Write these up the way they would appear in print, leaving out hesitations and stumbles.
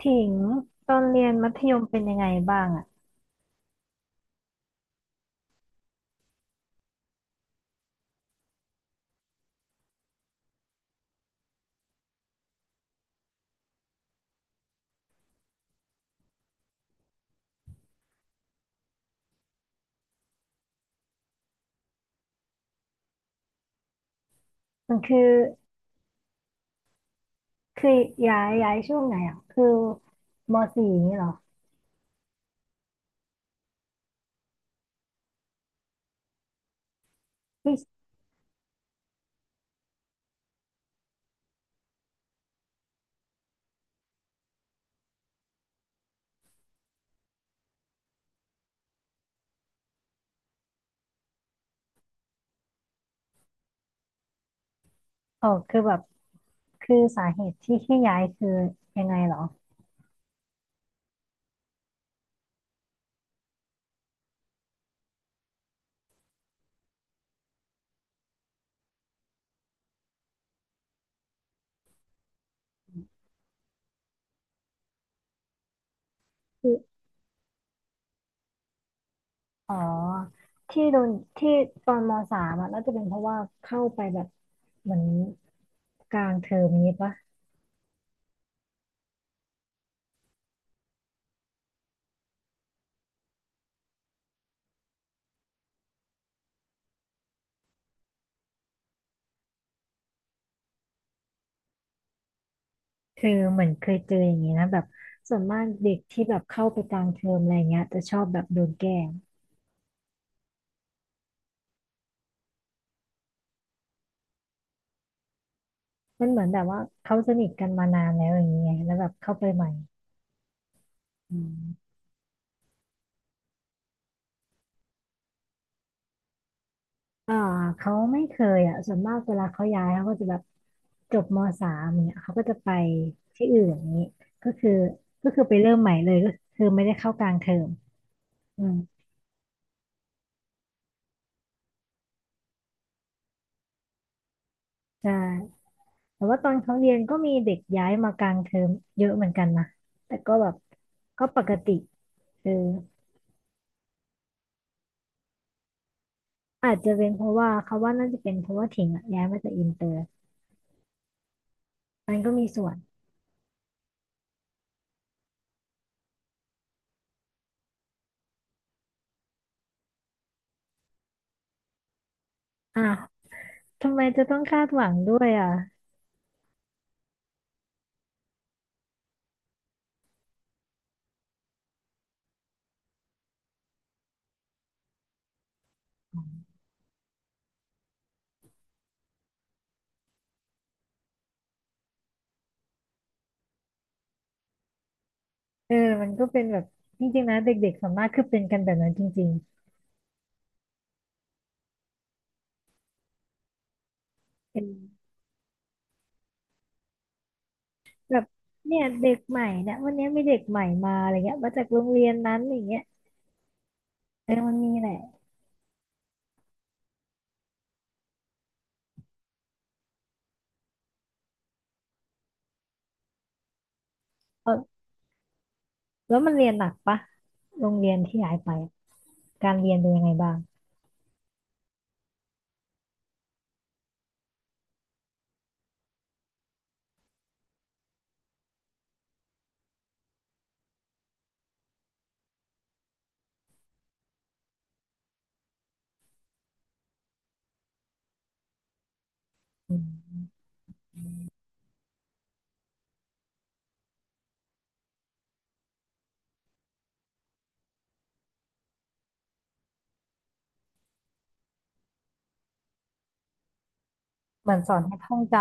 ถิงตอนเรียนมัธยมเป็นยังไงบ้างอ่ะมันคือย้ายช่วงไหนอ่ะคือมสี่นี่เหรอที่อ๋อคือแบบคือสาเหตุที่ย้ายคือยังไงเหรอคืออ๋อที่โดนที่ตอนมสามอ่ะน่าจะเป็นเพราะว่าเข้าไปแบบเหมือนกลางเทอมนี้ปะคือเหมือนเคยเจออย่างนี้นะแบบส่วนมากเด็กที่แบบเข้าไปกลางเทอมอะไรเงี้ยจะชอบแบบโดนแกล้งมันเหมือนแบบว่าเขาสนิทกันมานานแล้วอย่างเงี้ยแล้วแบบเข้าไปใหม่ อืมอ่าเขาไม่เคยอ่ะส่วนมากเวลาเขาย้ายเขาก็จะแบบจบมสามเนี่ยเขาก็จะไปที่อื่นอย่างนี้ก็คือก็คือไปเริ่มใหม่เลยก็คือไม่ได้เข้ากลางเทอมอืมใช่แต่ว่าตอนเขาเรียนก็มีเด็กย้ายมากลางเทอมเยอะเหมือนกันนะแต่ก็แบบก็ปกติเอออาจจะเป็นเพราะว่าเขาว่าน่าจะเป็นเพราะว่าถิงอะย้ายมาจากอินเตอร์มันก็มีส่วนอ่ะทำไมจะต้องคาดหวังด้วยอ่ะ เออมันก็เป็นแบบจริงๆนะเด็กๆส่วนมากคือเป็นกันแบบนั้นจริงๆเป็นแบบเนี่ยเด็กใหม่เนี่ยวันนี้มีเด็กใหม่มาอะไรเงี้ยมาจากโรงเรียนนั้นอย่างเงี้ยเออมันมีแหละเออแล้วมันเรียนหนักปะโรงเรียนที่ย้ายไปอะการเรียนเป็นยังไงบ้างอืมเหมือนสอนให้ท่องจ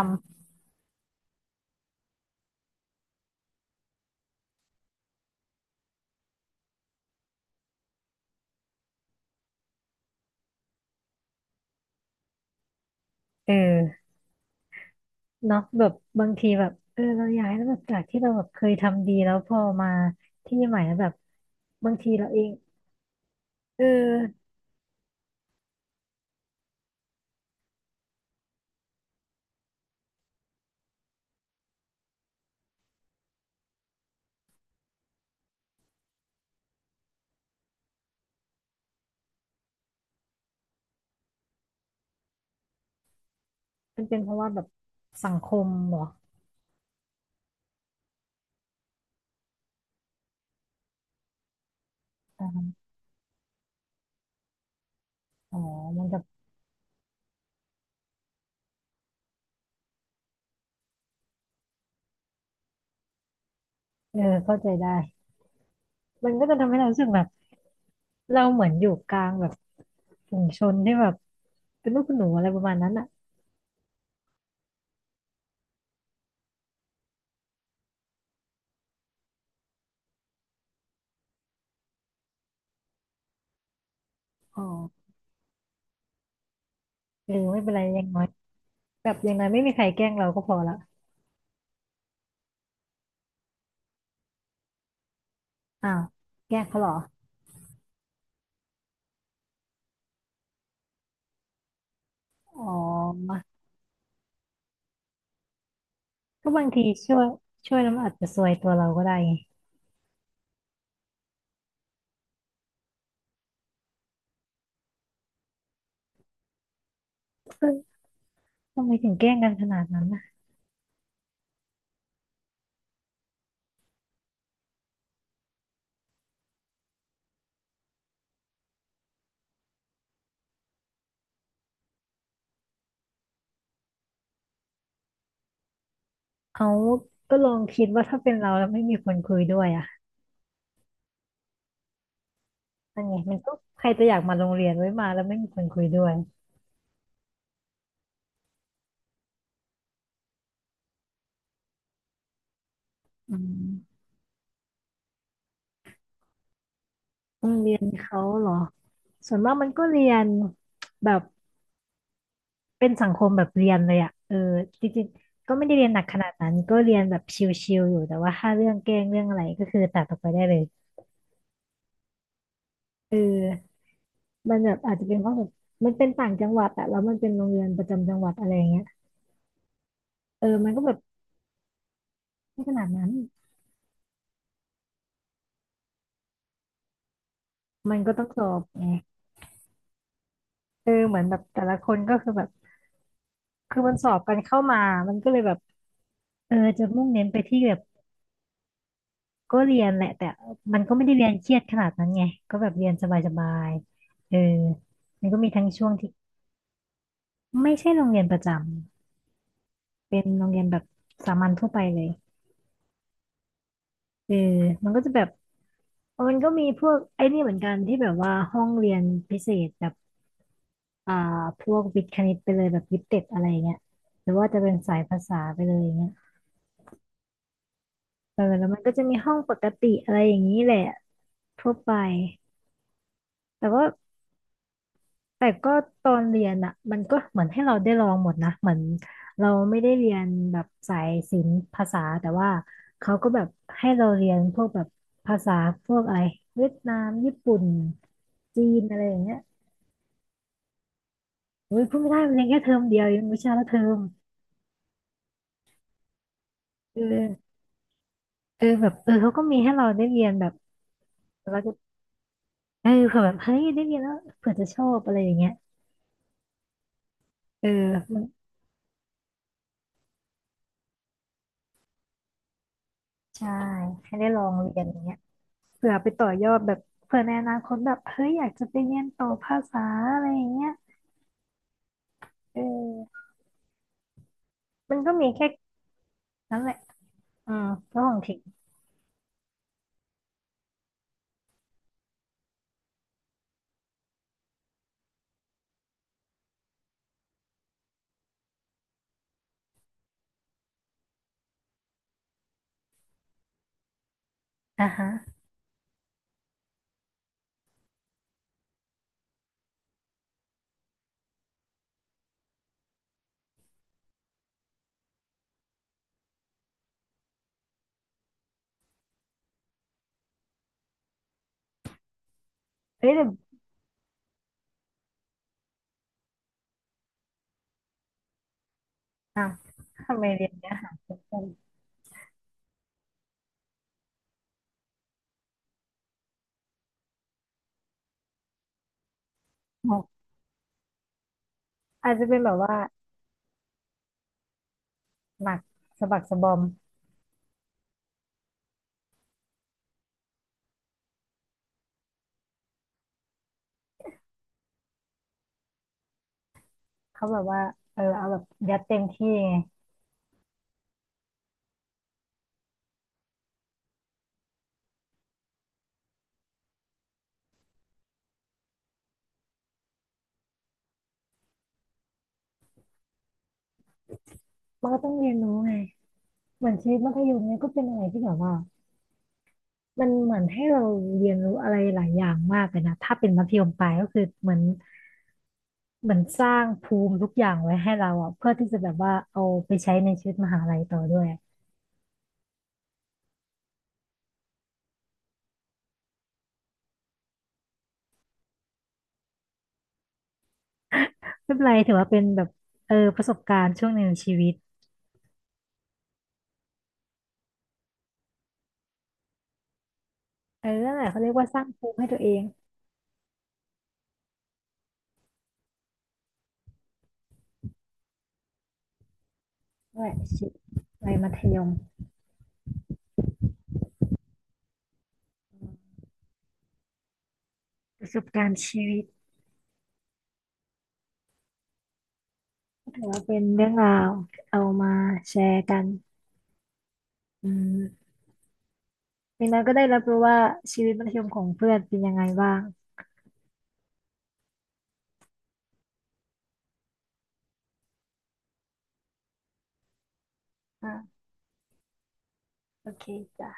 ำเออเนาะแบบบางทีแบบเออเราย้ายแล้วแบบจากที่เราแบบเคยทำดีแล้วพอมาที่ใหม่แล้วแบบบางทีเราเองเออมันเป็นเพราะว่าแบบสังคมเหรออ๋อมันจะ เออเข้าใจได้มันก็จะทำให้เรารู้สึกแบบเราเหมือนอยู่กลางแบบฝูงชนที่แบบเป็นลูกคุณหนูอะไรประมาณนั้นอ่ะอ๋อเออไม่เป็นไรอย่างน้อยแบบอยังไ้ไม่มีใครแกล้งเราก็พอละอ้าวแกล้งเขาเหรออ๋อก็บางทีช่วยช่วยแล้วมันอาจจะซวยตัวเราก็ได้ไงเออทำไมถึงแกล้งกันขนาดนั้นนะเอาก็ลองคิดว่าถ้าเป็นเราแล้วไม่มีคนคุยด้วยอ่ะมันไงมันก็ใครจะอยากมาโรงเรียนไว้มาแล้วไม่มีคนคุยด้วยอืม โรงเรียนเขาเหรอส่วนมากมันก็เรียนแบบเป็นสังคมแบบเรียนเลยอะเออจริงๆก็ไม่ได้เรียนหนักขนาดนั้นก็เรียนแบบชิลๆอยู่แต่ว่าถ้าเรื่องแกล้งเรื่องอะไรก็คือตัดออกไปได้เลยเออมันแบบอาจจะเป็นเพราะแบบมันเป็นต่างจังหวัดอะแล้วมันเป็นโรงเรียนประจำจังหวัดอะไรอย่างเงี้ยเออมันก็แบบไม่ขนาดนั้น มันก็ต้องสอบไงเออเหมือนแบบแต่ละคนก็คือแบบคือมันสอบกันเข้ามามันก็เลยแบบเออจะมุ่งเน้นไปที่แบบ ก็เรียนแหละแต่ มันก็ไม่ได้เรียนเครียดขนาดนั้นไงก็แบบเรียนสบายๆเออมันก็มีทั้งช่วงที่ไม่ใช่โรงเรียนประจำเป็นโรงเรียนแบบสามัญทั่วไปเลยเออมันก็จะแบบเออมันก็มีพวกไอ้นี่เหมือนกันที่แบบว่าห้องเรียนพิเศษแบบอ่าพวกวิทย์คณิตไปเลยแบบยิปเต็ดอะไรเงี้ยหรือว่าจะเป็นสายภาษาไปเลยอย่างเงี้ยเออแล้วมันก็จะมีห้องปกติอะไรอย่างนี้แหละทั่วไปแต่ว่า แต่ก็ตอนเรียนอ่ะมันก็เหมือนให้เราได้ลองหมดนะเหมือนเราไม่ได้เรียนแบบสายศิลป์ภาษาแต่ว่าเขาก็แบบให้เราเรียนพวกแบบภาษาพวกอะไรเวียดนามญี่ปุ่นจีนอะไรอย่างเงี้ยอุ้ยพูดไม่ได้มันเรียนแค่เทอมเดียวเองวิชาละเทอมเออเออแบบเออเขาก็มีให้เราได้เรียนแบบเราจะเออเผื่อแบบเฮ้ยได้เรียนแล้วเผื่อจะชอบอะไรอย่างเงี้ยเออมันใช่ให้ได้ลองเรียนอย่างเงี้ย เผื่อไปต่อยอดแบบเผื่อในอนาคตแบบเฮ้ยอยากจะไปเรียนต่อภาษาอะไรอย่างเงี้ยเออมันก็มีแค่นั้นแหละอืมก็ของถิงอ่ะฮะเฮ้ยแต่อ่ะทำไมเรียนเนี้ยหาเพื่อนอ๋ออาจจะเป็นแบบว่าหนักสะบักสะบอมเขาแบบว่าเออเอาแบบยัดเต็มที่ไงมันก็ต้องเรียนรู้ไงเหมือนชีวิตมัธยมเนี่ยก็เป็นอะไรที่แบบว่ามันเหมือนให้เราเรียนรู้อะไรหลายอย่างมากเลยนะถ้าเป็นมัธยมปลายก็คือเหมือน เหมือนสร้างภูมิทุกอย่างไว้ให้เราอ่ะเพื่อที่จะแบบว่าเอาไปใช้ในชีวิตมหาลัยต่อด้วยไม่เป็นไรถือว่าเป็นแบบเออประสบการณ์ช่วงหนึ่งในชีวิตเออนั่นแหละเขาเรียกว่าสร้างภูมิให้ตัวเองนั่นแหละชีวิตวัยมัธยมประสบการณ์ชีวิตถือว่าเป็นเรื่องราวเอามาแชร์กันอืมอย่างน้อยก็ได้รับรู้ว่าชีวิตมัธยมของเพื่อนเป็นยังไงบ้างอ่าโอเคจ้ะ